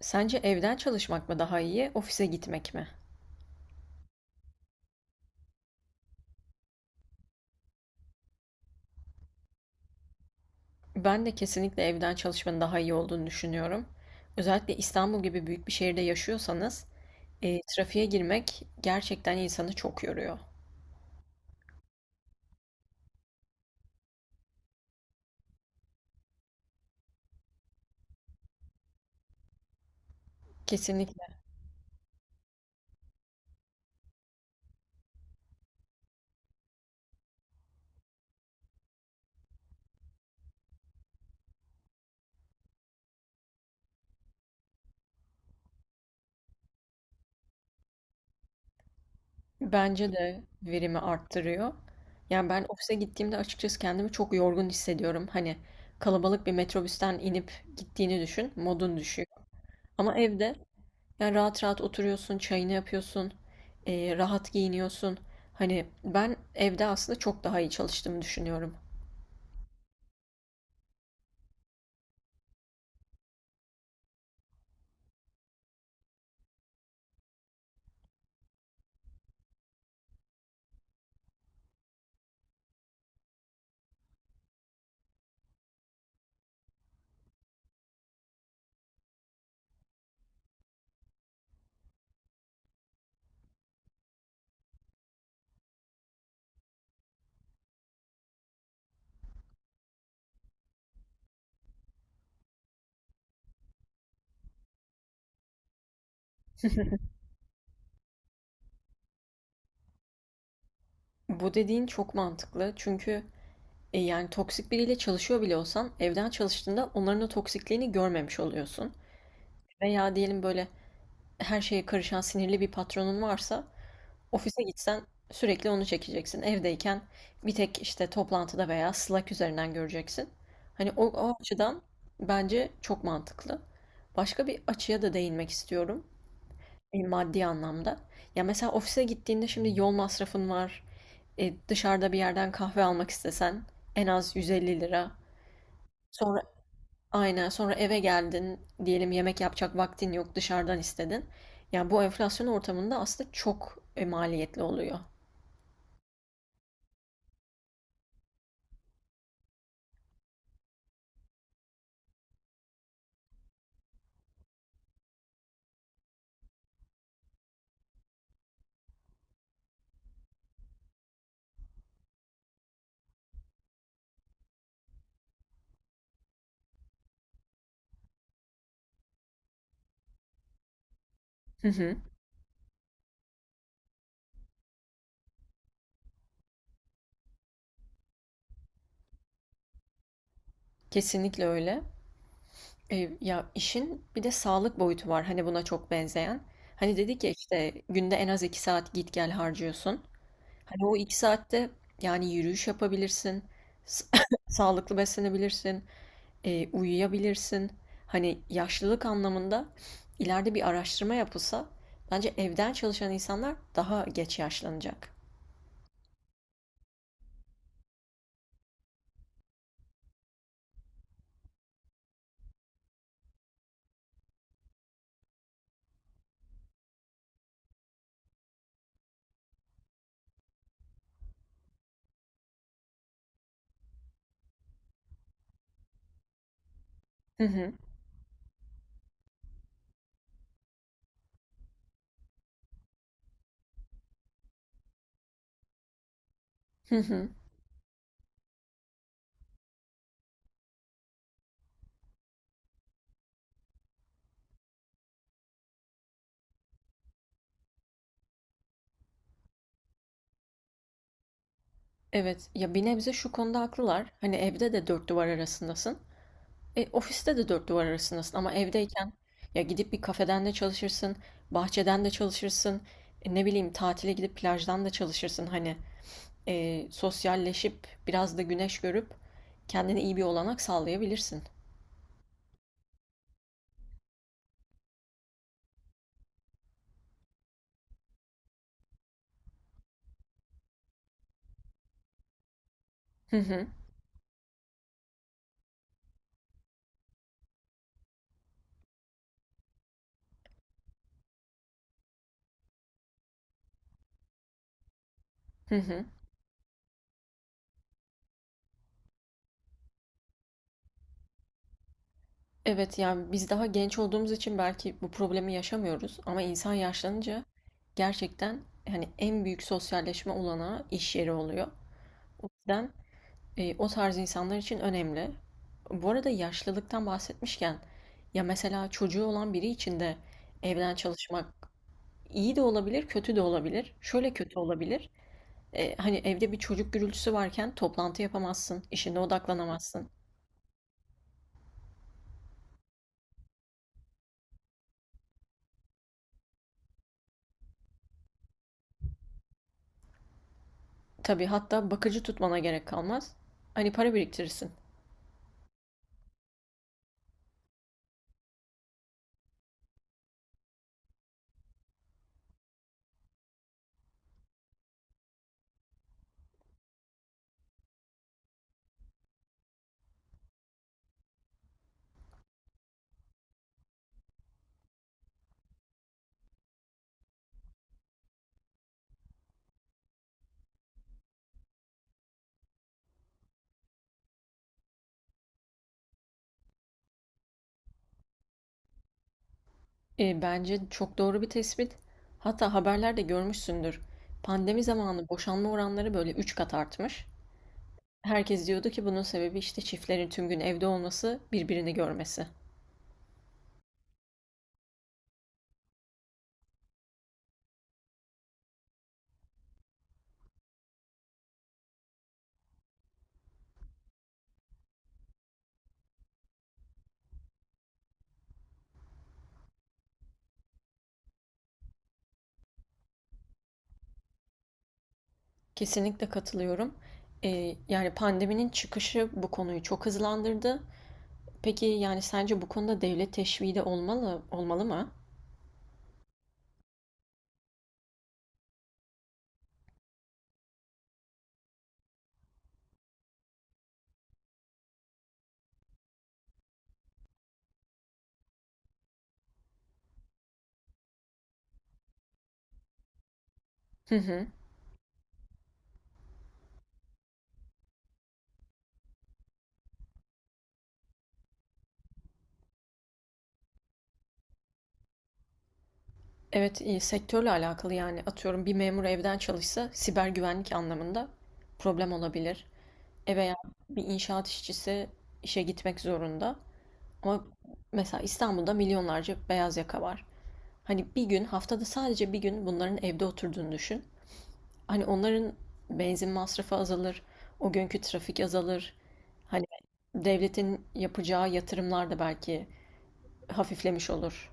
Sence evden çalışmak mı daha iyi, ofise gitmek mi? Ben de kesinlikle evden çalışmanın daha iyi olduğunu düşünüyorum. Özellikle İstanbul gibi büyük bir şehirde yaşıyorsanız, trafiğe girmek gerçekten insanı çok yoruyor. Kesinlikle. Bence de verimi arttırıyor. Yani ben ofise gittiğimde açıkçası kendimi çok yorgun hissediyorum. Hani kalabalık bir metrobüsten inip gittiğini düşün, modun düşüyor. Ama evde, yani rahat rahat oturuyorsun, çayını yapıyorsun, rahat giyiniyorsun. Hani ben evde aslında çok daha iyi çalıştığımı düşünüyorum. Bu dediğin çok mantıklı, çünkü yani toksik biriyle çalışıyor bile olsan evden çalıştığında onların o toksikliğini görmemiş oluyorsun. Veya diyelim, böyle her şeye karışan sinirli bir patronun varsa ofise gitsen sürekli onu çekeceksin. Evdeyken bir tek işte toplantıda veya Slack üzerinden göreceksin. Hani o açıdan bence çok mantıklı. Başka bir açıya da değinmek istiyorum. Maddi anlamda. Ya mesela ofise gittiğinde şimdi yol masrafın var. Dışarıda bir yerden kahve almak istesen en az 150 lira. Sonra, aynen, sonra eve geldin, diyelim yemek yapacak vaktin yok, dışarıdan istedin. Yani bu enflasyon ortamında aslında çok maliyetli oluyor. Hı hı. Kesinlikle öyle. Ya, işin bir de sağlık boyutu var, hani, buna çok benzeyen. Hani, dedik ya, işte, günde en az 2 saat git gel harcıyorsun. Hani, o 2 saatte, yani, yürüyüş yapabilirsin, s sağlıklı beslenebilirsin, uyuyabilirsin. Hani, yaşlılık anlamında ileride bir araştırma yapılsa bence evden çalışan insanlar daha geç yaşlanacak. Hı hı. Hı hı. Evet. Ya, bir nebze şu konuda haklılar. Hani, evde de 4 duvar arasındasın. Ofiste de dört duvar arasındasın ama evdeyken ya gidip bir kafeden de çalışırsın, bahçeden de çalışırsın, ne bileyim tatile gidip plajdan da çalışırsın. Hani sosyalleşip biraz da güneş görüp kendine iyi bir olanak sağlayabilirsin. Hı hı, hı hı. Evet, yani biz daha genç olduğumuz için belki bu problemi yaşamıyoruz ama insan yaşlanınca gerçekten hani en büyük sosyalleşme olanağı iş yeri oluyor. O yüzden O tarz insanlar için önemli. Bu arada yaşlılıktan bahsetmişken, ya mesela çocuğu olan biri için de evden çalışmak iyi de olabilir, kötü de olabilir. Şöyle kötü olabilir. Hani evde bir çocuk gürültüsü varken toplantı yapamazsın, işine odaklanamazsın. Tabii, hatta bakıcı tutmana gerek kalmaz. Hani para biriktirirsin. Bence çok doğru bir tespit. Hatta haberlerde görmüşsündür. Pandemi zamanı boşanma oranları böyle 3 kat artmış. Herkes diyordu ki bunun sebebi işte çiftlerin tüm gün evde olması, birbirini görmesi. Kesinlikle katılıyorum. Yani pandeminin çıkışı bu konuyu çok hızlandırdı. Peki, yani sence bu konuda devlet teşviği de olmalı, olmalı mı? Hı hı. Evet, sektörle alakalı, yani atıyorum, bir memur evden çalışsa siber güvenlik anlamında problem olabilir. Veya bir inşaat işçisi işe gitmek zorunda. Ama mesela İstanbul'da milyonlarca beyaz yaka var. Hani bir gün, haftada sadece bir gün bunların evde oturduğunu düşün. Hani onların benzin masrafı azalır, o günkü trafik azalır. Hani devletin yapacağı yatırımlar da belki hafiflemiş olur.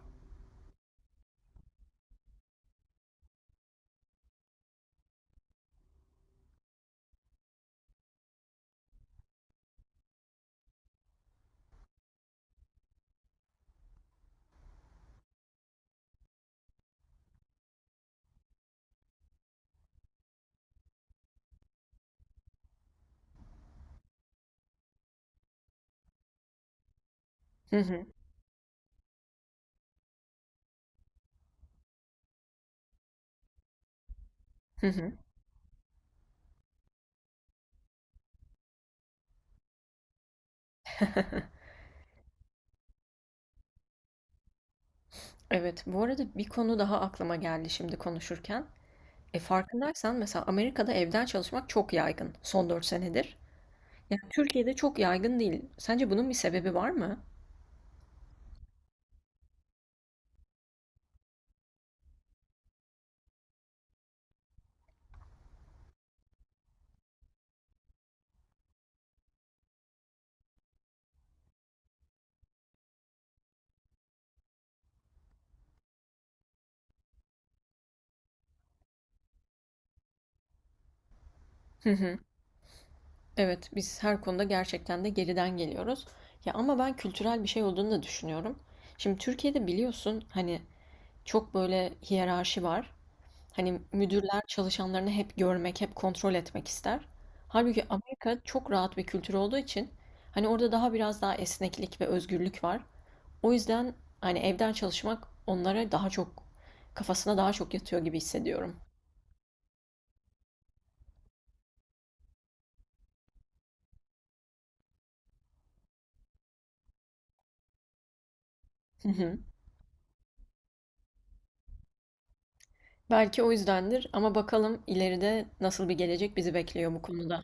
Hı hı. Hı hı. Evet, bu arada bir konu daha aklıma geldi şimdi konuşurken. Farkındaysan mesela Amerika'da evden çalışmak çok yaygın son 4 senedir. Yani Türkiye'de çok yaygın değil. Sence bunun bir sebebi var mı? Hı hı. Evet, biz her konuda gerçekten de geriden geliyoruz. Ya ama ben kültürel bir şey olduğunu da düşünüyorum. Şimdi Türkiye'de biliyorsun, hani çok böyle hiyerarşi var. Hani müdürler çalışanlarını hep görmek, hep kontrol etmek ister. Halbuki Amerika çok rahat bir kültür olduğu için hani orada daha, biraz daha esneklik ve özgürlük var. O yüzden hani evden çalışmak onlara daha çok, kafasına daha çok yatıyor gibi hissediyorum. Hı hı. Belki o yüzdendir ama bakalım ileride nasıl bir gelecek bizi bekliyor bu konuda.